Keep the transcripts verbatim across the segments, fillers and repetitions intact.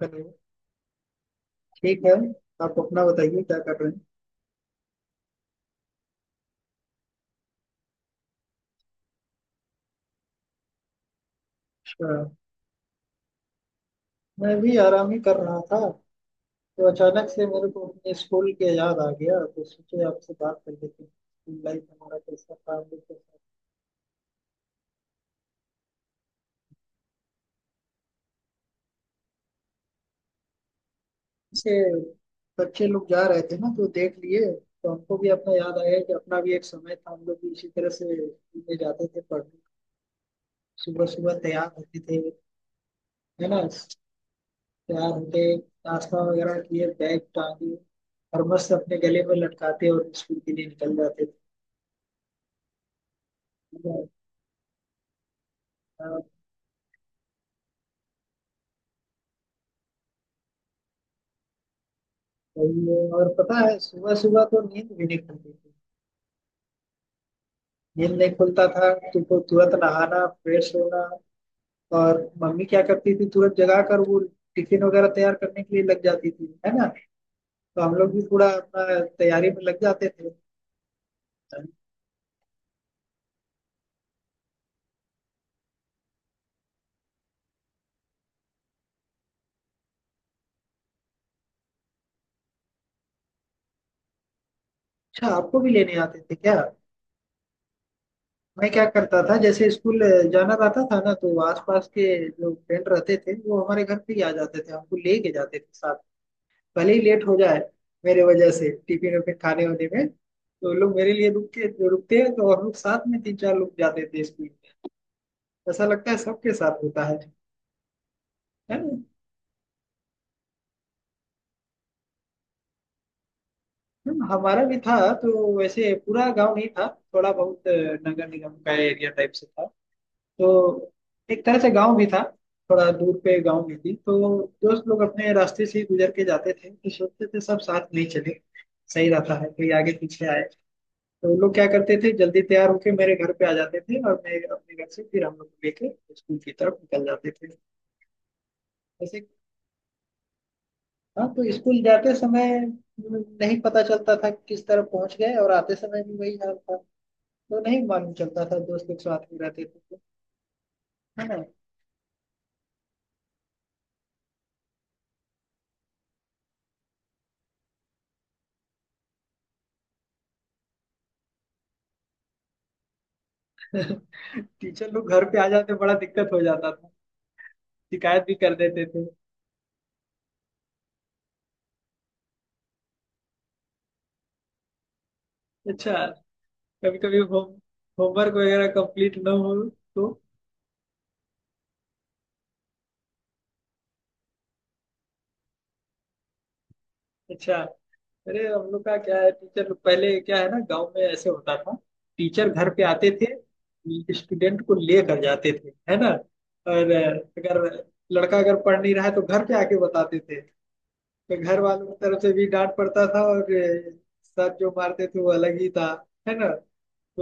चलो, ठीक है। आप अपना बताइए क्या कर रहे हैं? अच्छा, मैं भी आराम ही कर रहा था, तो अचानक से मेरे को अपने स्कूल के याद आ गया, तो सोचे आपसे बात कर लेते हैं स्कूल लाइफ हमारा कैसा था, हम लोग कैसा से बच्चे लोग जा रहे थे ना तो देख लिए। तो हमको भी अपना याद आया कि अपना भी एक समय था, हम लोग भी इसी तरह से स्कूल में जाते थे पढ़ने। सुबह सुबह तैयार होते थे, है ना। तैयार होते, नाश्ता वगैरह किए, बैग टांगे और मस्त अपने गले में लटकाते और स्कूल के लिए निकल जाते थे। हाँ, सही है। और पता है सुबह सुबह तो नींद भी नहीं खुलती थी। नींद नहीं खुलता था तुमको, तुरंत नहाना फ्रेश होना। और मम्मी क्या करती थी, तुरंत जगा कर वो टिफिन वगैरह तैयार करने के लिए लग जाती थी, है ना। तो हम लोग भी पूरा अपना तैयारी में लग जाते थे। अच्छा, आपको भी लेने आते थे क्या? मैं क्या करता था, जैसे स्कूल जाना रहता था ना, तो आसपास के जो फ्रेंड रहते थे वो हमारे घर पे ही आ जाते थे, हमको ले के जाते थे साथ। भले ही लेट हो जाए मेरे वजह से टिफिन वफिन खाने होने में, तो लोग मेरे लिए रुक के, जो रुकते हैं तो हम लोग साथ में तीन चार लोग जाते थे स्कूल में। ऐसा लगता है सबके साथ होता है है ना। हम- हमारा भी था। तो वैसे पूरा गांव नहीं था, थोड़ा बहुत अ, नगर निगम का एरिया टाइप से था। तो एक तरह से गांव भी था, थोड़ा दूर पे गांव भी थी। तो दोस्त लोग अपने रास्ते से ही गुजर के जाते थे, तो सोचते थे सब साथ नहीं चले। सही रहता है कोई आगे पीछे आए। तो वो लोग क्या करते थे, जल्दी तैयार होके मेरे घर पे आ जाते थे, और मैं अपने घर से फिर हम लोग को लेके स्कूल की तरफ निकल जाते थे। ऐसे हाँ, तो स्कूल जाते समय नहीं पता चलता था कि किस तरफ पहुंच गए, और आते समय भी वही हाल था। तो नहीं मालूम चलता था, दोस्त लोग साथ में रहते थे तो, है ना। टीचर लोग घर पे आ जाते तो बड़ा दिक्कत हो जाता था, शिकायत भी कर देते थे। अच्छा, कभी कभी होम होमवर्क वगैरह कंप्लीट ना हो तो। अच्छा, अरे हम लोग का क्या है, टीचर लोग पहले क्या है ना, गांव में ऐसे होता था, टीचर घर पे आते थे, स्टूडेंट को लेकर जाते थे, है ना। और अगर लड़का अगर पढ़ नहीं रहा है तो घर पे आके बताते थे। तो घर वालों की तरफ से भी डांट पड़ता था, और अ, सर जो मारते थे वो अलग ही था, है ना।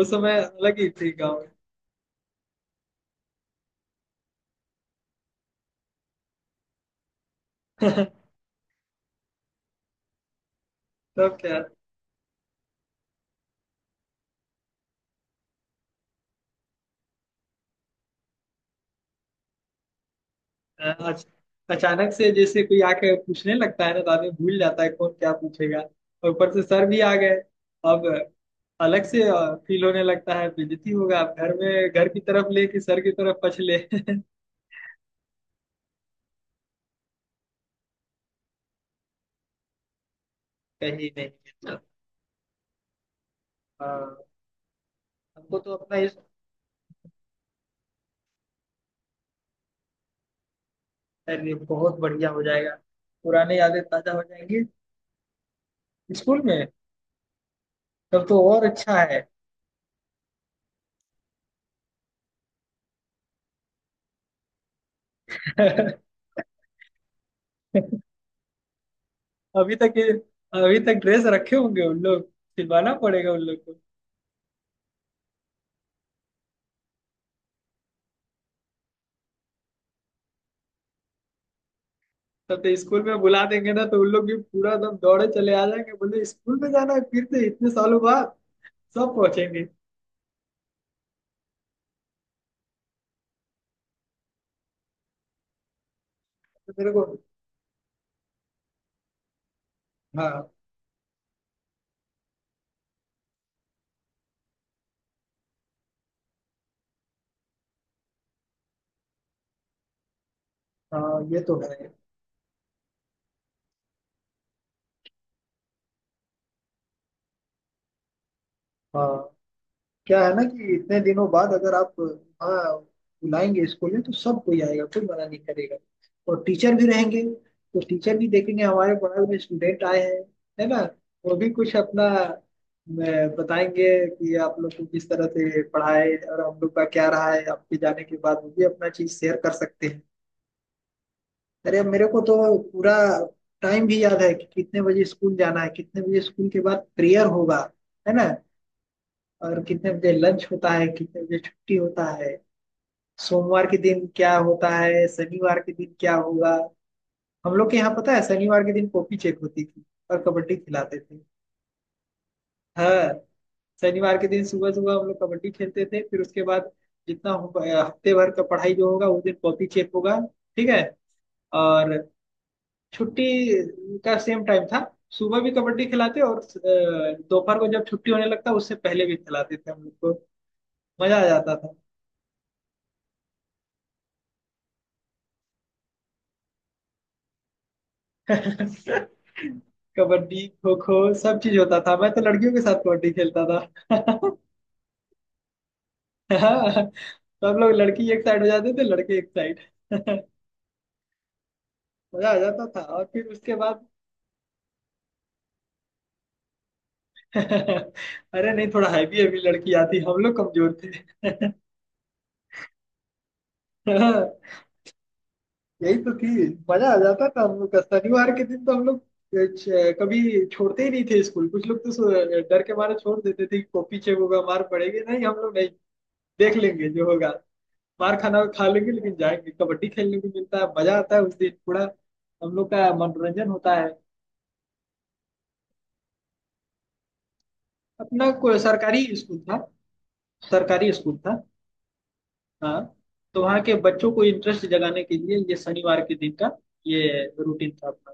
उस समय अलग ही थी गाँव में। तब क्या, अ- अचानक से जैसे कोई आके पूछने लगता है ना, तो आदमी भूल जाता है कौन क्या पूछेगा। और ऊपर से सर भी आ गए, अब अलग से फील होने लगता है बेइज्जती होगा, अब घर में घर की तरफ ले कि सर की तरफ पछले। कहीं नहीं है। हाँ, हमको तो अपना इस, अरे बहुत बढ़िया हो जाएगा, पुराने यादें ताजा हो जाएंगी। स्कूल में तब तो और अच्छा है। अभी तक ये- अभी तक ड्रेस रखे होंगे उन लोग, सिलवाना पड़ेगा उन लोग को। तब तो स्कूल में बुला देंगे ना तो उन लोग भी पूरा एकदम दौड़े चले आ जाएंगे, बोले स्कूल में जाना है फिर से इतने सालों बाद। सब पहुंचेंगे। तो मेरे को हाँ हाँ, ये तो है। हाँ, क्या है ना कि इतने दिनों बाद अगर आप, हाँ, बुलाएंगे स्कूल में तो सब कोई आएगा, कोई मना नहीं करेगा। और टीचर भी रहेंगे, तो टीचर भी देखेंगे हमारे बगल में स्टूडेंट आए हैं, है ना। वो भी कुछ अपना अ, बताएंगे कि आप लोग को किस तरह से पढ़ाए, और हम लोग का क्या रहा है आपके जाने के बाद, वो भी अपना चीज शेयर कर सकते हैं। अरे मेरे को तो पूरा टाइम भी याद है कि कितने बजे स्कूल जाना है, कितने बजे स्कूल के बाद प्रेयर होगा, है ना। और कितने बजे लंच होता है, कितने बजे छुट्टी होता है। सोमवार के दिन क्या होता है, शनिवार के दिन क्या होगा। हम लोग के यहाँ पता है शनिवार के दिन कॉपी चेक होती थी और कबड्डी खिलाते थे। हाँ, शनिवार के दिन सुबह सुबह हम लोग कबड्डी खेलते थे, फिर उसके बाद जितना हो- हफ्ते भर का पढ़ाई जो होगा उस दिन कॉपी चेक होगा, ठीक है। और छुट्टी का सेम टाइम था, सुबह भी कबड्डी खिलाते और अ, दोपहर को जब छुट्टी होने लगता उससे पहले भी खिलाते थे हम लोग को। मजा आ जाता था। कबड्डी खो खो सब चीज होता था, मैं तो लड़कियों के साथ कबड्डी खेलता था। हाँ, सब लोग लड़की एक साइड हो जाते थे लड़के एक साइड। मजा आ जाता था और फिर उसके बाद। अरे नहीं, थोड़ा हैवी हैवी लड़की आती, हम लोग कमजोर थे। हाँ, यही तो थी, मजा आ जाता था हम लोग का। शनिवार के दिन तो हम लोग अ, छ- कभी छोड़ते ही नहीं थे स्कूल। कुछ लोग तो सो- डर के मारे छोड़ देते थे कि को- पीछे होगा मार पड़ेगी। नहीं, हम लोग नहीं, देख लेंगे जो होगा। मार खाना खा लेंगे, लेकिन जाएंगे, कबड्डी खेलने को मिलता है, मजा आता है उस दिन पूरा, हम लोग का मनोरंजन होता है। अपना कोई सरकारी स्कूल था। सरकारी स्कूल था हाँ, तो वहाँ के बच्चों को इंटरेस्ट जगाने के लिए ये शनिवार के दिन का ये रूटीन था अपना।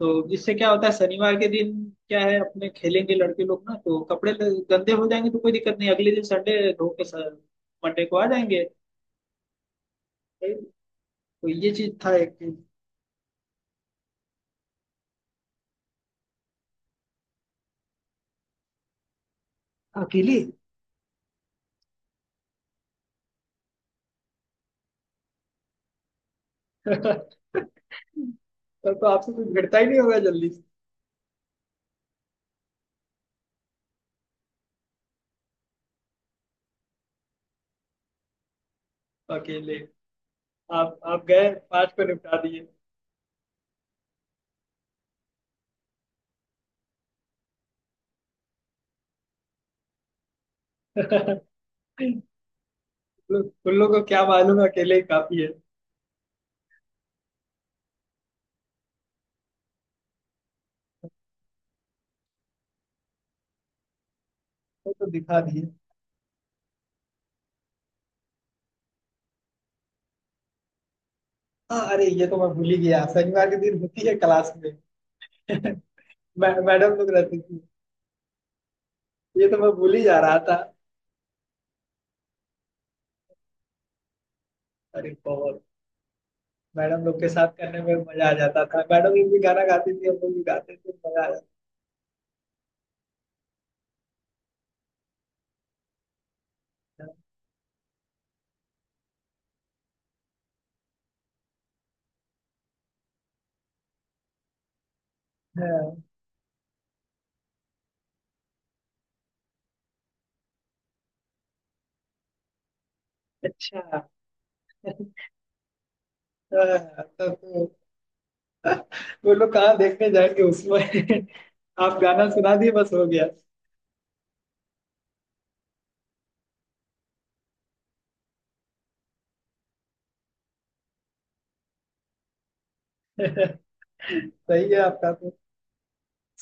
तो इससे क्या होता है शनिवार के दिन, क्या है अपने खेलेंगे लड़के लोग ना तो कपड़े ल- गंदे हो जाएंगे, तो कोई दिक्कत नहीं, अगले दिन संडे धो के मंडे को आ जाएंगे। तो ये चीज था एक। अकेले। तब तो आपसे कुछ भिड़ता ही नहीं होगा जल्दी से। अकेले आप आप गए पांच को निपटा दिए। उन उन लोगों को क्या मालूम अकेले ही काफी है। वो तो दिखा दिए। हाँ, अरे ये तो मैं भूल ही गया, शनिवार के दिन होती है क्लास में। मै- मैडम लोग रहती थी, ये तो मैं भूल ही जा रहा था। अरे बहुत, मैडम लोग के साथ करने में मजा आ जाता था। मैडम लोग भी गाना गाती थी, हम लोग भी गाते थे, मजा आ जाता था। हाँ, अच्छा, हाँ, तब तो, वो लोग कहाँ देखने जाएंगे उसमें। आप गाना सुना दिए बस हो गया। सही है आपका तो,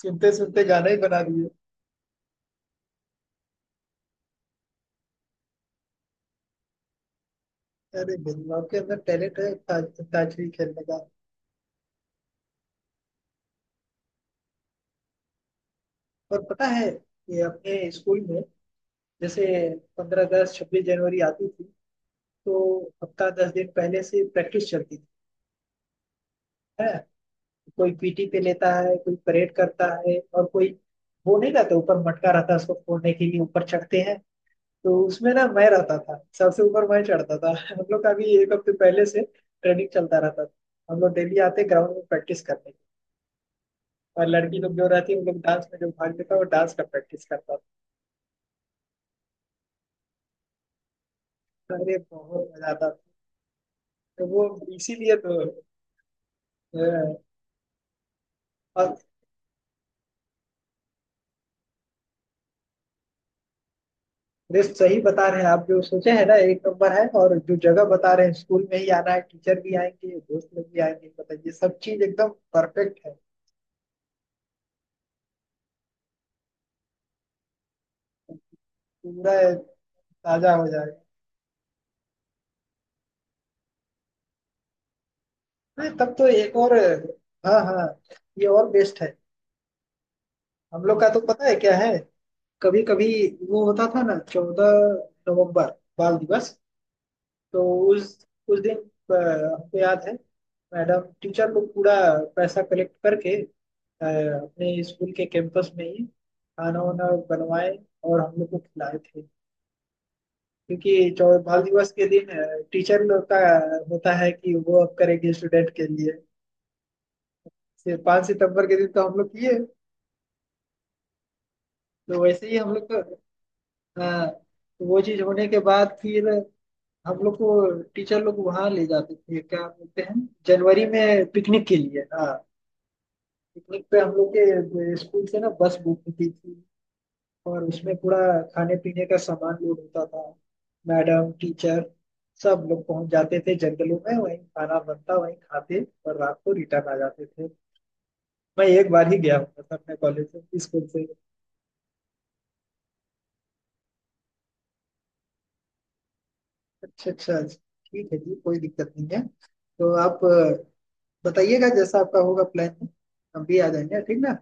सुनते सुनते गाना ही बना दिए। अरे बिल्कुल आपके अंदर टैलेंट है ताज ताजगी खेलने का। और पता है, ये अपने स्कूल में जैसे पंद्रह अगस्त छब्बीस जनवरी आती थी, तो हफ्ता दस दिन पहले से प्रैक्टिस चलती थी। है, कोई पीटी पे लेता है, कोई परेड करता है, और कोई वो नहीं रहता ऊपर मटका रहता है, उसको फोड़ने के लिए ऊपर चढ़ते हैं, तो उसमें ना मैं रहता था, सबसे ऊपर मैं चढ़ता था। हम लोग का भी एक हफ्ते पहले से ट्रेनिंग चलता रहता था, हम लोग डेली आते ग्राउंड में प्रैक्टिस करने। और लड़की लोग जो रहती, उन लोग डांस में जो भाग लेता वो डांस का प्रैक्टिस करता था। अरे बहुत मजा आता था। तो वो इसीलिए तो अ, और रेस्ट सही बता रहे हैं आप। जो सोचे हैं ना एक नंबर है, और जो जगह बता रहे हैं स्कूल में ही आना है, टीचर भी आएंगे, दोस्त लोग भी आएंगे, बताइए सब चीज एकदम परफेक्ट है। पूरा ताजा हो जाएगा। नहीं तब तो एक और, हाँ हाँ, ये और बेस्ट है। हम लोग का तो पता है क्या है, कभी कभी वो होता था ना चौदह नवंबर बाल दिवस। तो उस उस दिन अ, हमको याद है मैडम टीचर लोग पूरा पैसा कलेक्ट करके अ, अपने स्कूल के कैंपस में ही खाना वाना बनवाए और हम लोग को खिलाए थे। क्योंकि चौ बाल दिवस के दिन अ, टीचर लोग का होता है कि वो अब करेंगे स्टूडेंट के लिए। पांच सितंबर के दिन तो हम लोग किए, तो वैसे ही हम लोग तो हाँ। तो वो चीज होने के बाद फिर हम लोग को टीचर लोग वहां ले जाते थे, क्या बोलते हैं, जनवरी में पिकनिक के लिए हाँ। पिकनिक पे हम लोग के स्कूल से ना बस बुक होती थी, और उसमें पूरा खाने पीने का सामान लोड होता था। मैडम टीचर सब लोग पहुंच जाते थे जंगलों में, वहीं खाना बनता वहीं खाते, और रात को रिटर्न आ जाते थे। मैं एक बार ही गया हूँ बस अपने कॉलेज से, स्कूल से। अच्छा अच्छा अच्छा, ठीक है जी, कोई दिक्कत नहीं है। तो आप बताइएगा जैसा आपका होगा प्लान, हम भी आ जाएंगे, ठीक ना।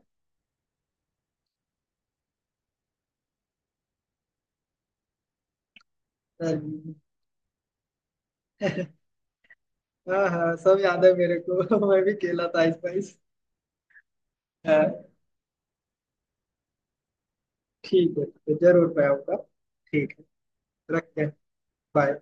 चलिए। हाँ हाँ सब याद है मेरे को। मैं भी खेला था आइस पाइस। हाँ ठीक है, तो जरूर मैं आऊंगा। ठीक है, रखते हैं। बाय।